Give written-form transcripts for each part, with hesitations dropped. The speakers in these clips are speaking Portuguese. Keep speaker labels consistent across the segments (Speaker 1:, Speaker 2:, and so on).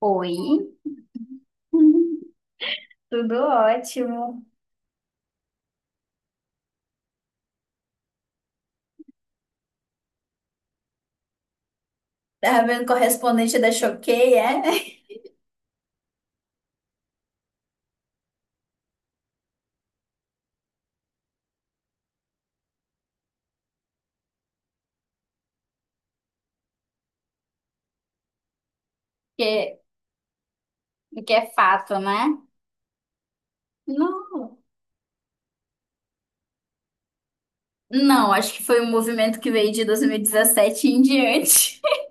Speaker 1: Oi. Tudo ótimo. Tá vendo correspondente da Choquei, é? que, que é fato, né? Não. Não, acho que foi um movimento que veio de 2017 em diante.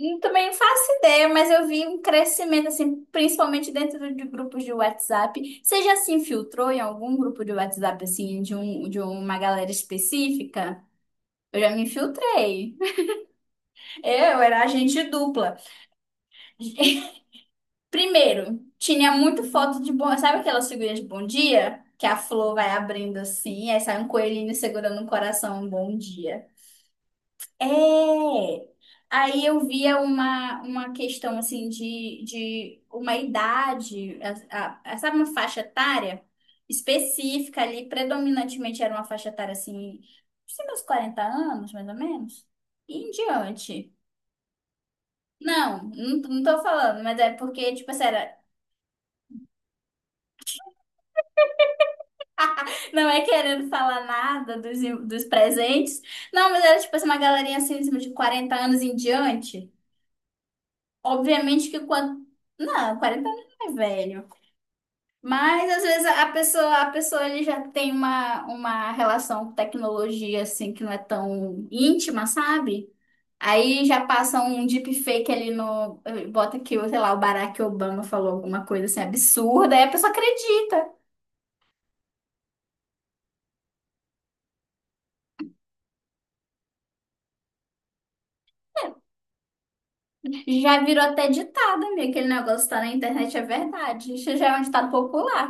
Speaker 1: Eu também não faço ideia, mas eu vi um crescimento, assim, principalmente dentro de grupos de WhatsApp. Você já se infiltrou em algum grupo de WhatsApp, assim, de uma galera específica? Eu já me infiltrei. Eu era agente dupla. Primeiro, tinha muito foto de bom. Sabe aquelas figurinhas de bom dia? Que a flor vai abrindo assim, aí sai um coelhinho segurando um coração, um bom dia. É! Aí eu via uma questão assim de uma idade, sabe, uma faixa etária específica ali, predominantemente era uma faixa etária assim, assim, meus 40 anos, mais ou menos, e em diante. Não, não, não tô falando, mas é porque, tipo assim, não é querendo falar nada dos, dos presentes. Não, mas era tipo assim, uma galerinha assim, de 40 anos em diante. Obviamente que quando. Não, 40 anos não é velho. Mas às vezes a pessoa ele já tem uma relação com tecnologia assim que não é tão íntima, sabe? Aí já passa um deepfake ali no. Bota que, sei lá, o Barack Obama falou alguma coisa assim absurda, aí a pessoa acredita. Já virou até ditado, amiga. Aquele negócio tá na internet é verdade. Isso já é um ditado popular.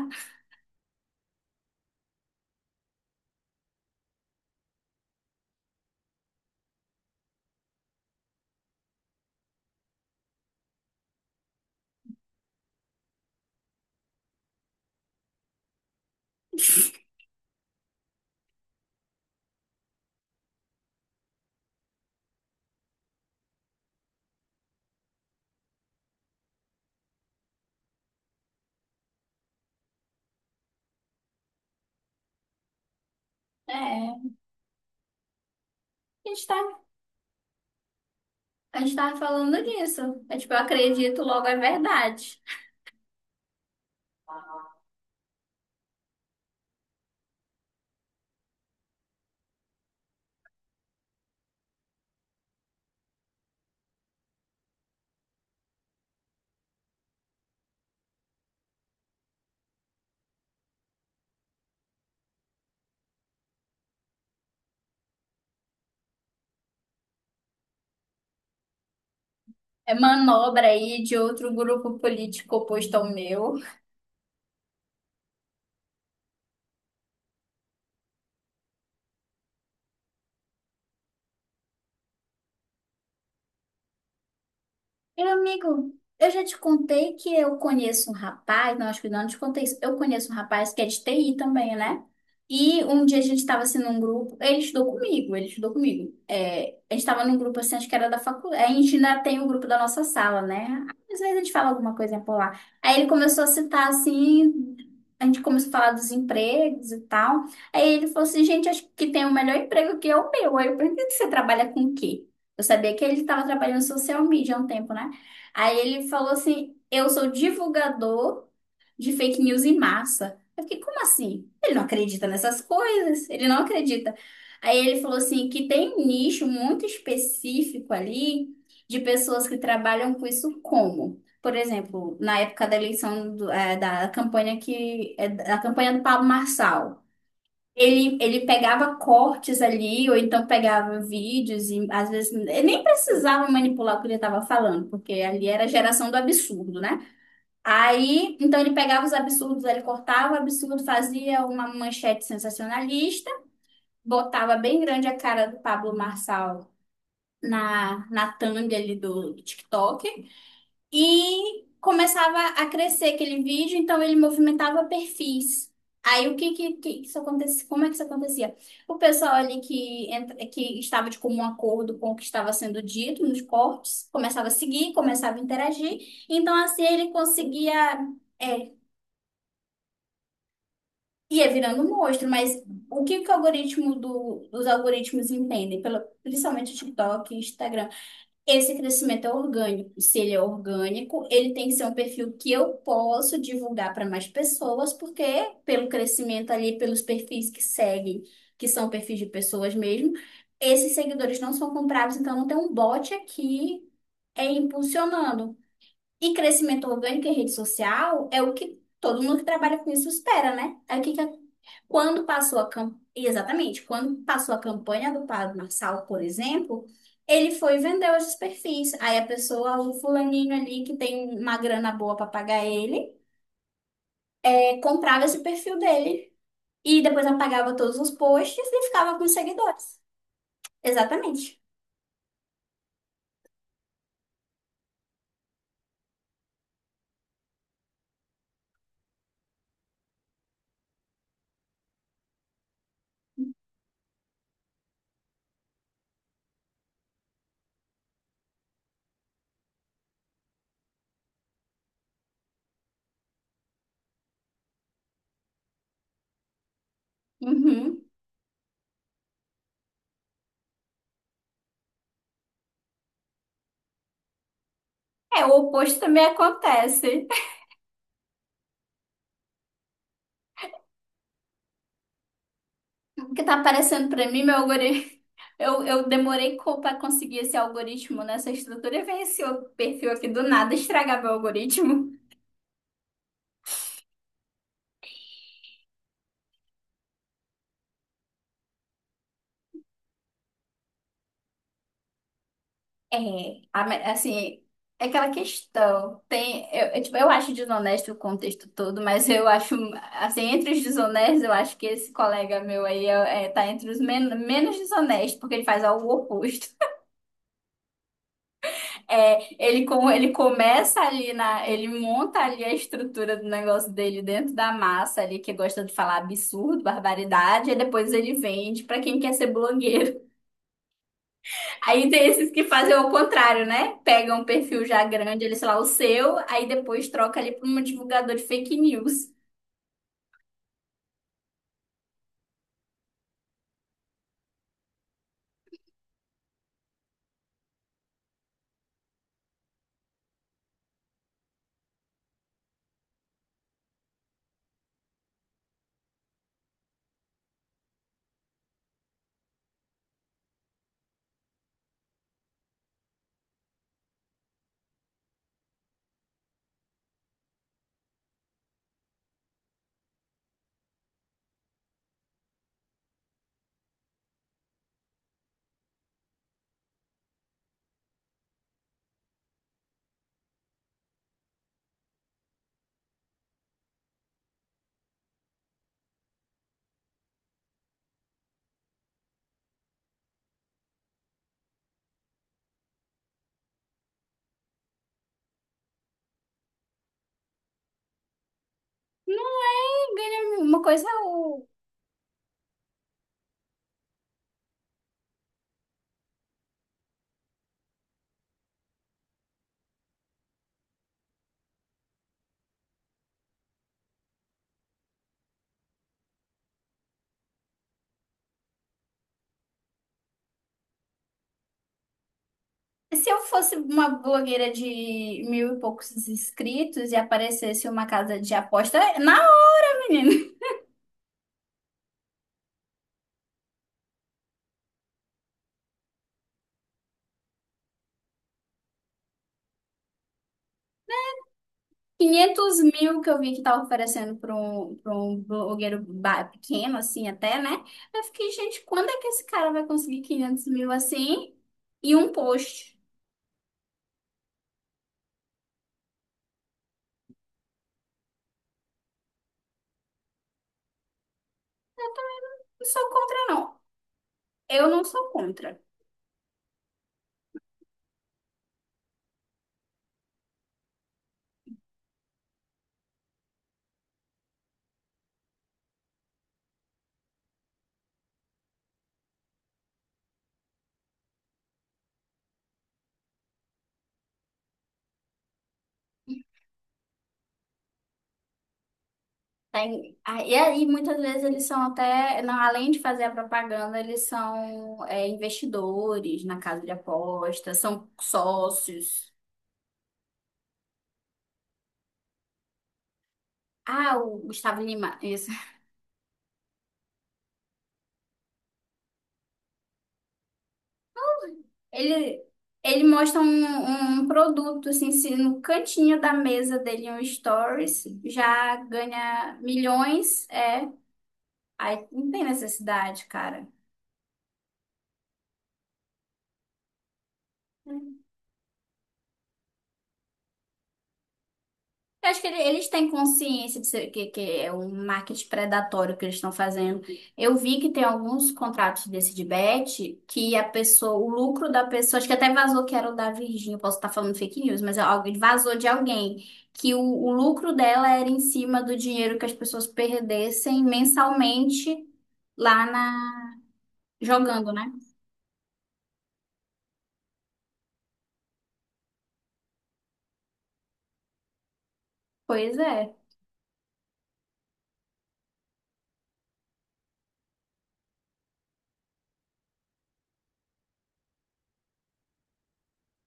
Speaker 1: É, a gente tá, a gente tava falando disso. É tipo, eu acredito, logo é verdade. É manobra aí de outro grupo político oposto ao meu. Meu amigo, eu já te contei que eu conheço um rapaz, não, acho que não te contei isso. Eu conheço um rapaz que é de TI também, né? E um dia a gente estava assim num grupo, ele estudou comigo. É, a gente estava num grupo assim, acho que era da faculdade. A gente ainda tem o grupo da nossa sala, né? Às vezes a gente fala alguma coisa por lá. Aí ele começou a citar assim, a gente começou a falar dos empregos e tal. Aí ele falou assim, gente, acho que tem o melhor emprego que é o meu. Aí eu perguntei, você trabalha com o quê? Eu sabia que ele estava trabalhando em social media há um tempo, né? Aí ele falou assim: eu sou divulgador de fake news em massa. Eu fiquei, como assim? Ele não acredita. Aí ele falou assim: que tem um nicho muito específico ali de pessoas que trabalham com isso como? Por exemplo, na época da eleição do- eh, da campanha que é da campanha do Pablo Marçal. Ele pegava cortes ali, ou então pegava vídeos, e às vezes ele nem precisava manipular o que ele estava falando, porque ali era a geração do absurdo, né? Aí, então ele pegava os absurdos, ele cortava o absurdo, fazia uma manchete sensacionalista, botava bem grande a cara do Pablo Marçal na thumb ali do TikTok, e começava a crescer aquele vídeo, então ele movimentava perfis. Aí que isso acontecia? Como é que isso acontecia? O pessoal ali que estava de comum acordo com o que estava sendo dito nos cortes, começava a seguir, começava a interagir. Então assim ele conseguia é, ia virando um monstro, mas o que que o algoritmo do, os algoritmos entendem, pelo, principalmente o TikTok, e Instagram esse crescimento é orgânico. Se ele é orgânico, ele tem que ser um perfil que eu posso divulgar para mais pessoas, porque pelo crescimento ali, pelos perfis que seguem, que são perfis de pessoas mesmo, esses seguidores não são comprados, então não tem um bot aqui é impulsionando. E crescimento orgânico em rede social é o que todo mundo que trabalha com isso espera, né? Aí o que que quando passou a cam... Exatamente, quando passou a campanha do Pablo Marçal, por exemplo, ele foi e vendeu esses perfis. Aí a pessoa, o fulaninho ali que tem uma grana boa para pagar ele, comprava esse perfil dele e depois apagava todos os posts e ficava com os seguidores. Exatamente. Uhum. É, o oposto também acontece. O que tá aparecendo para mim, meu algoritmo, eu demorei para conseguir esse algoritmo nessa estrutura e veio esse outro perfil aqui do nada estragar meu algoritmo. É, a me- assim, é aquela questão. Tem, tipo, eu acho desonesto o contexto todo, mas eu acho, assim, entre os desonestos, eu acho que esse colega meu aí é, tá entre os menos desonestos, porque ele faz algo oposto. Ele começa ali na, ele monta ali a estrutura do negócio dele dentro da massa ali, que gosta de falar absurdo, barbaridade, e depois ele vende pra quem quer ser blogueiro. Aí tem esses que fazem o contrário, né? Pegam um perfil já grande, ele, sei lá, o seu, aí depois troca ali para um divulgador de fake news. Não é ganha uma coisa. É o- se eu fosse uma blogueira de mil e poucos inscritos e aparecesse uma casa de aposta, é na hora, menino. Quinhentos mil que eu vi que tava oferecendo para um pequeno, assim, até, né? Eu fiquei, gente, quando é que esse cara vai conseguir 500 mil assim e um post? Não sou contra, não. Eu não sou contra. Tem, ah, e aí, muitas vezes, eles são até, não, além de fazer a propaganda, investidores na casa de apostas, são sócios. Ah, o Gustavo Lima, isso. Ele, ele mostra um produto, assim, se no cantinho da mesa dele, um stories, já ganha milhões, é. Aí não tem necessidade, cara. Eu acho que eles têm consciência que é um marketing predatório que eles estão fazendo. Eu vi que tem alguns contratos desse de bet que a pessoa, o lucro da pessoa, acho que até vazou que era o da Virgínia, eu posso estar falando fake news, mas é algo- vazou de alguém, que o lucro dela era em cima do dinheiro que as pessoas perdessem mensalmente lá na, jogando, né? Pois é.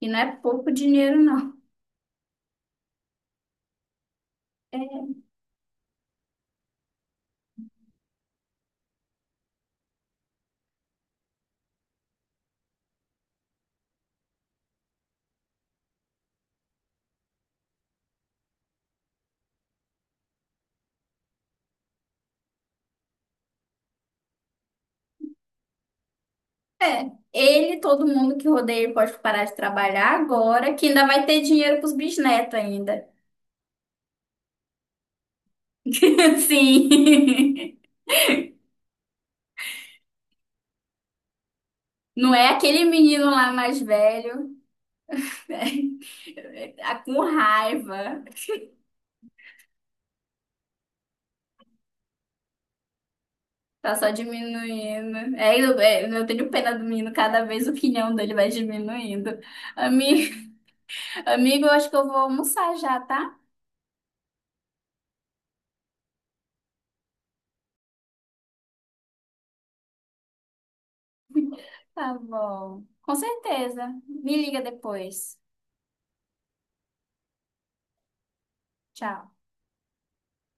Speaker 1: E não é pouco dinheiro, não. É. É, ele, todo mundo que rodeia ele pode parar de trabalhar agora, que ainda vai ter dinheiro pros bisnetos ainda. Sim. Não é aquele menino lá mais velho, é, tá com raiva, tá só diminuindo. É, eu tenho pena do menino, cada vez o quinhão dele vai diminuindo. Amigo, amigo, eu acho que eu vou almoçar já, tá? Tá bom. Com certeza. Me liga depois. Tchau.